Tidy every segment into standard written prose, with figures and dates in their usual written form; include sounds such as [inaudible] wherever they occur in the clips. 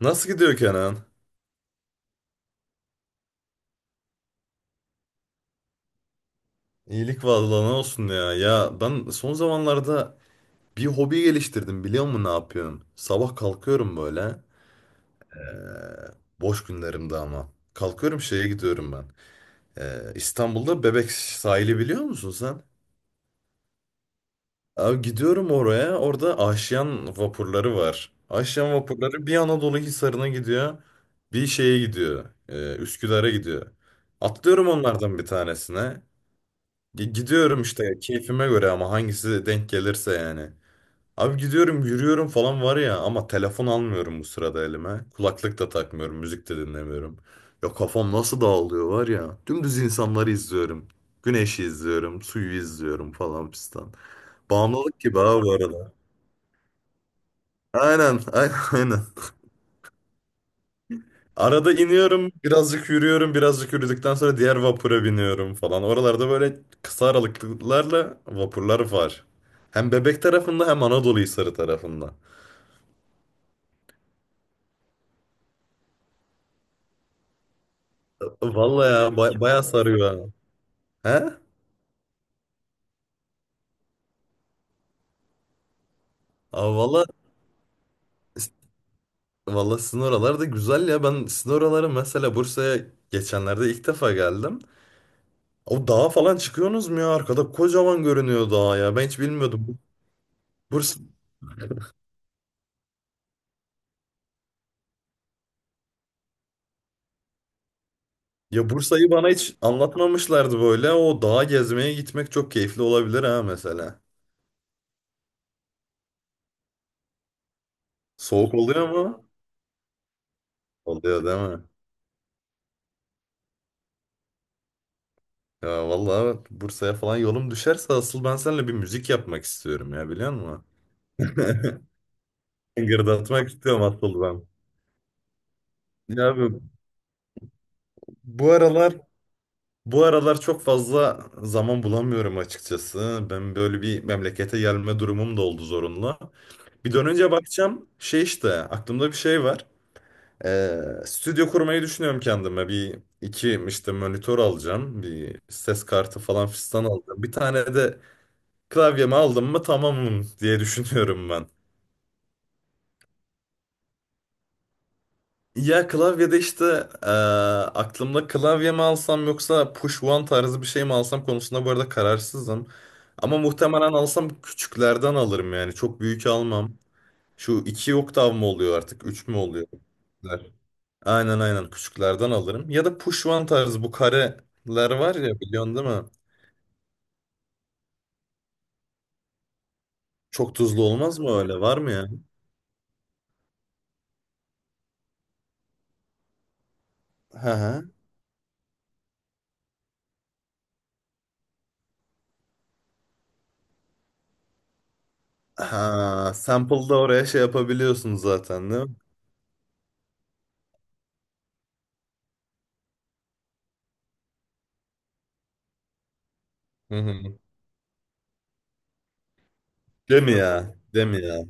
Nasıl gidiyor Kenan? İyilik vallahi ne olsun ya. Ya ben son zamanlarda bir hobi geliştirdim biliyor musun ne yapıyorum? Sabah kalkıyorum böyle. eee, Boş günlerimde ama. Kalkıyorum şeye gidiyorum ben. İstanbul'da Bebek sahili biliyor musun sen? Abi gidiyorum oraya. Orada Aşyan vapurları var. Aşyan vapurları bir Anadolu Hisarı'na gidiyor. Bir şeye gidiyor. Üsküdar'a gidiyor. Atlıyorum onlardan bir tanesine. Gidiyorum işte keyfime göre ama hangisi de denk gelirse yani. Abi gidiyorum yürüyorum falan var ya ama telefon almıyorum bu sırada elime. Kulaklık da takmıyorum, müzik de dinlemiyorum. Ya kafam nasıl dağılıyor var ya. Dümdüz insanları izliyorum. Güneşi izliyorum, suyu izliyorum falan pistan. Bağımlılık gibi abi bu arada. Aynen, aynen, [laughs] aynen. Arada iniyorum, birazcık yürüyorum, birazcık yürüdükten sonra diğer vapura biniyorum falan. Oralarda böyle kısa aralıklarla vapurlar var. Hem Bebek tarafında hem Anadolu Hisarı tarafında. Vallahi ya, çok bayağı sarıyor ha. He? Aa, valla valla sizin oralar da güzel ya. Ben sizin oraları mesela Bursa'ya geçenlerde ilk defa geldim. O dağa falan çıkıyorsunuz mu ya? Arkada kocaman görünüyor dağ ya. Ben hiç bilmiyordum. Ya Bursa'yı bana hiç anlatmamışlardı böyle. O dağa gezmeye gitmek çok keyifli olabilir ha mesela. Soğuk oluyor mu? Oluyor değil mi? Ya vallahi Bursa'ya falan yolum düşerse asıl ben seninle bir müzik yapmak istiyorum ya biliyor musun? [laughs] Gırdatmak istiyorum asıl ben. Ya abi, bu aralar bu aralar çok fazla zaman bulamıyorum açıkçası. Ben böyle bir memlekete gelme durumum da oldu zorunlu. Bir dönünce bakacağım şey işte aklımda bir şey var. Ee, Stüdyo kurmayı düşünüyorum kendime. Bir iki işte monitör alacağım. Bir ses kartı falan fistan alacağım. Bir tane de klavyemi aldım mı tamamım diye düşünüyorum ben. Ya klavyede işte aklımda klavye mi alsam yoksa push one tarzı bir şey mi alsam konusunda bu arada kararsızım. Ama muhtemelen alsam küçüklerden alırım yani çok büyük almam. Şu iki oktav mı oluyor artık üç mü oluyor? Aynen aynen küçüklerden alırım. Ya da puşvan tarzı bu kareler var ya biliyorsun değil mi? Çok tuzlu olmaz mı öyle? Var mı ya? Ha ha. Ha, sample'da oraya şey yapabiliyorsun zaten değil mi? Hı hı. Değil mi ya? Değil mi ya?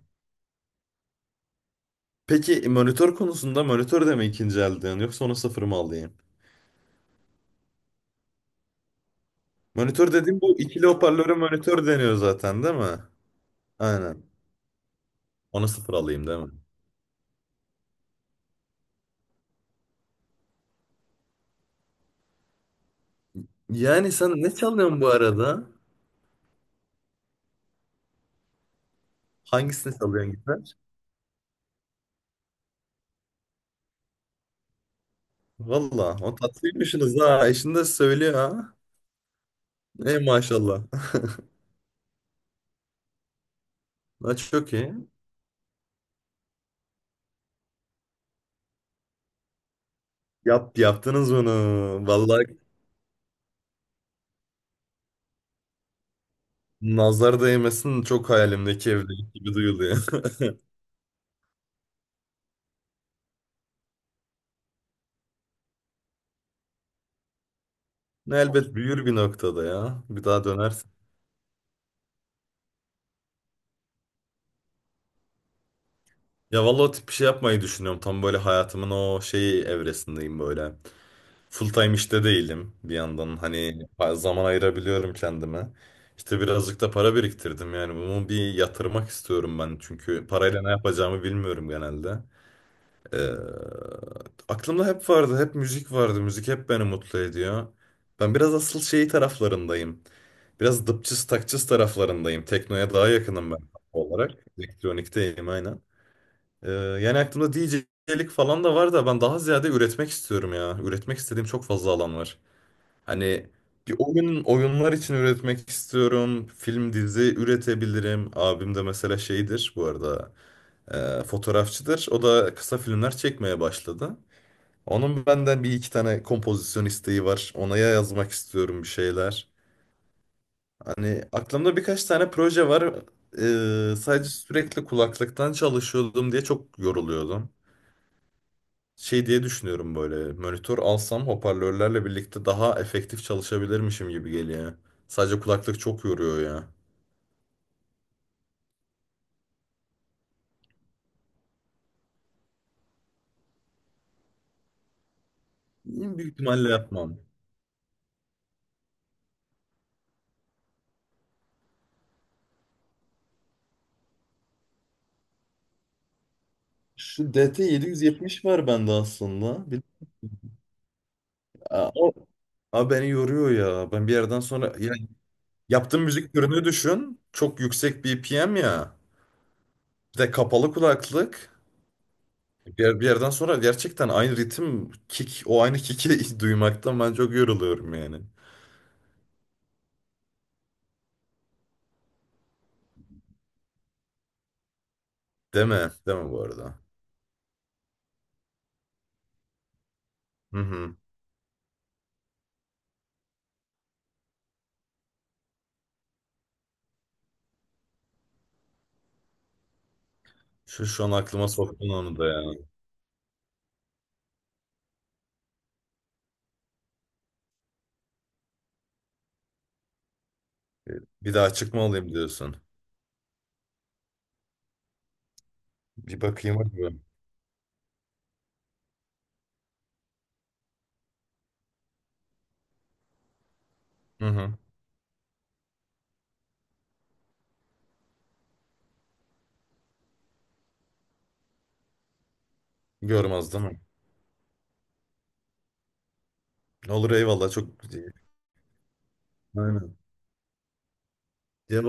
Peki monitör konusunda monitör de mi ikinci elden yoksa onu sıfır mı alayım? Monitör dediğim bu ikili hoparlöre monitör deniyor zaten değil mi? Aynen. Onu sıfır alayım değil mi? Yani sen ne çalıyorsun bu arada? Hangisini çalıyorsun gitar? Valla o tatlıymışsınız ha. Eşin de söylüyor ha. Ey maşallah. [laughs] Ha, çok iyi. Yaptınız onu. Vallahi nazar değmesin çok hayalimdeki evlilik gibi duyuluyor. [laughs] Ne elbet büyür bir noktada ya. Bir daha dönersin. Ya vallahi o tip bir şey yapmayı düşünüyorum. Tam böyle hayatımın o şeyi evresindeyim böyle. Full time işte değilim bir yandan. Hani zaman ayırabiliyorum kendime. İşte birazcık da para biriktirdim yani bunu bir yatırmak istiyorum ben çünkü parayla ne yapacağımı bilmiyorum genelde. Ee, Aklımda hep vardı, hep müzik vardı. Müzik hep beni mutlu ediyor. Ben biraz asıl şey taraflarındayım. Biraz dıpçız takçız taraflarındayım. Teknoya daha yakınım ben [laughs] olarak. Elektronikteyim aynen. Yani aklımda DJ'lik falan da var da ben daha ziyade üretmek istiyorum ya. Üretmek istediğim çok fazla alan var. Hani bir oyun, oyunlar için üretmek istiyorum. Film, dizi üretebilirim. Abim de mesela şeydir bu arada. Fotoğrafçıdır. O da kısa filmler çekmeye başladı. Onun benden bir iki tane kompozisyon isteği var. Ona ya yazmak istiyorum bir şeyler. Hani aklımda birkaç tane proje var. Sadece sürekli kulaklıktan çalışıyordum diye çok yoruluyordum. Şey diye düşünüyorum böyle. Monitör alsam hoparlörlerle birlikte daha efektif çalışabilirmişim gibi geliyor. Sadece kulaklık çok yoruyor ya. Büyük ihtimalle yapmam. Şu DT770 var bende aslında. Aa, Aa, beni yoruyor ya. Ben bir yerden sonra ya. Yaptığım müzik türünü düşün. Çok yüksek BPM ya. Bir de kapalı kulaklık. Bir yerden sonra gerçekten aynı ritim, kick, o aynı kick'i [laughs] duymaktan ben çok yoruluyorum yani. Deme, deme bu arada. Hı hı. Şu an aklıma soktun onu da ya. Bir daha çıkma olayım diyorsun. Bir bakayım, bakayım. Hı hı. Görmez değil mi? Olur eyvallah çok iyi. Aynen. Ya,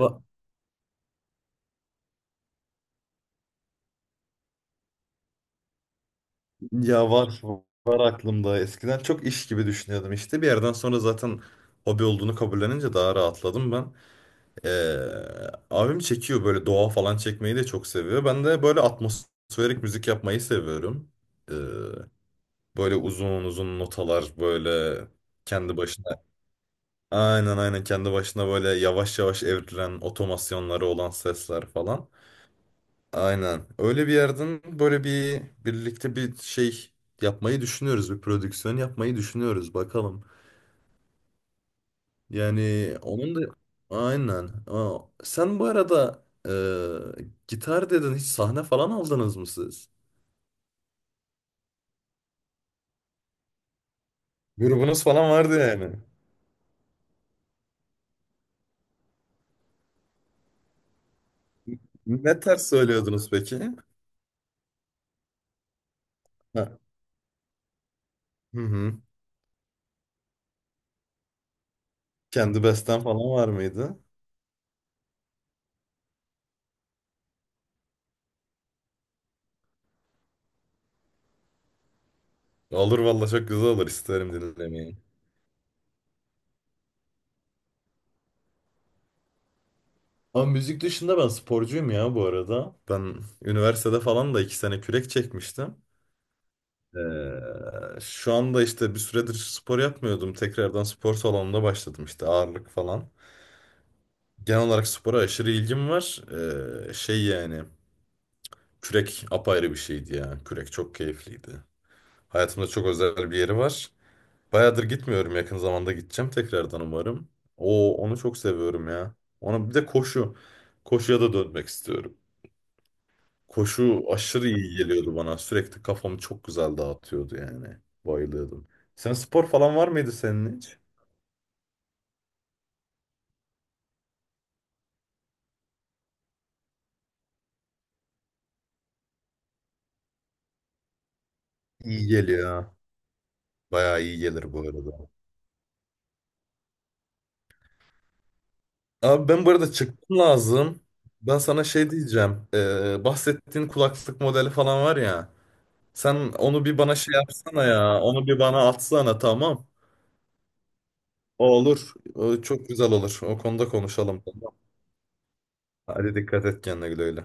Ya var aklımda. Eskiden çok iş gibi düşünüyordum işte. Bir yerden sonra zaten hobi olduğunu kabullenince daha rahatladım ben. Abim çekiyor böyle doğa falan çekmeyi de çok seviyor. Ben de böyle atmosferik müzik yapmayı seviyorum. Ee, Böyle uzun uzun notalar böyle kendi başına aynen aynen kendi başına böyle yavaş yavaş evrilen otomasyonları olan sesler falan. Aynen. Öyle bir yerden böyle bir birlikte bir şey yapmayı düşünüyoruz. Bir prodüksiyon yapmayı düşünüyoruz. Bakalım. Yani onun da aynen. Aa, sen bu arada gitar dedin. Hiç sahne falan aldınız mı siz? Grubunuz falan vardı yani. Ne ters söylüyordunuz peki? Ha. Hı hı. Kendi besten falan var mıydı? Olur valla çok güzel olur. İsterim dinlemeyi. Ama müzik dışında ben sporcuyum ya bu arada. Ben üniversitede falan da 2 sene kürek çekmiştim. Şu anda işte bir süredir spor yapmıyordum. Tekrardan spor salonunda başladım işte ağırlık falan. Genel olarak spora aşırı ilgim var. Şey yani kürek apayrı bir şeydi ya. Kürek çok keyifliydi. Hayatımda çok özel bir yeri var. Bayağıdır gitmiyorum. Yakın zamanda gideceğim tekrardan umarım. Onu çok seviyorum ya. Ona bir de koşu. Koşuya da dönmek istiyorum. Koşu aşırı iyi geliyordu bana. Sürekli kafamı çok güzel dağıtıyordu yani. Bayılıyordum. Sen spor falan var mıydı senin hiç? İyi geliyor ha. Bayağı iyi gelir bu arada. Abi ben bu arada çıktım lazım. Ben sana şey diyeceğim. Bahsettiğin kulaklık modeli falan var ya. Sen onu bir bana şey yapsana ya. Onu bir bana atsana tamam. O olur. O çok güzel olur. O konuda konuşalım. Tamam. Hadi dikkat et kendine güle güle.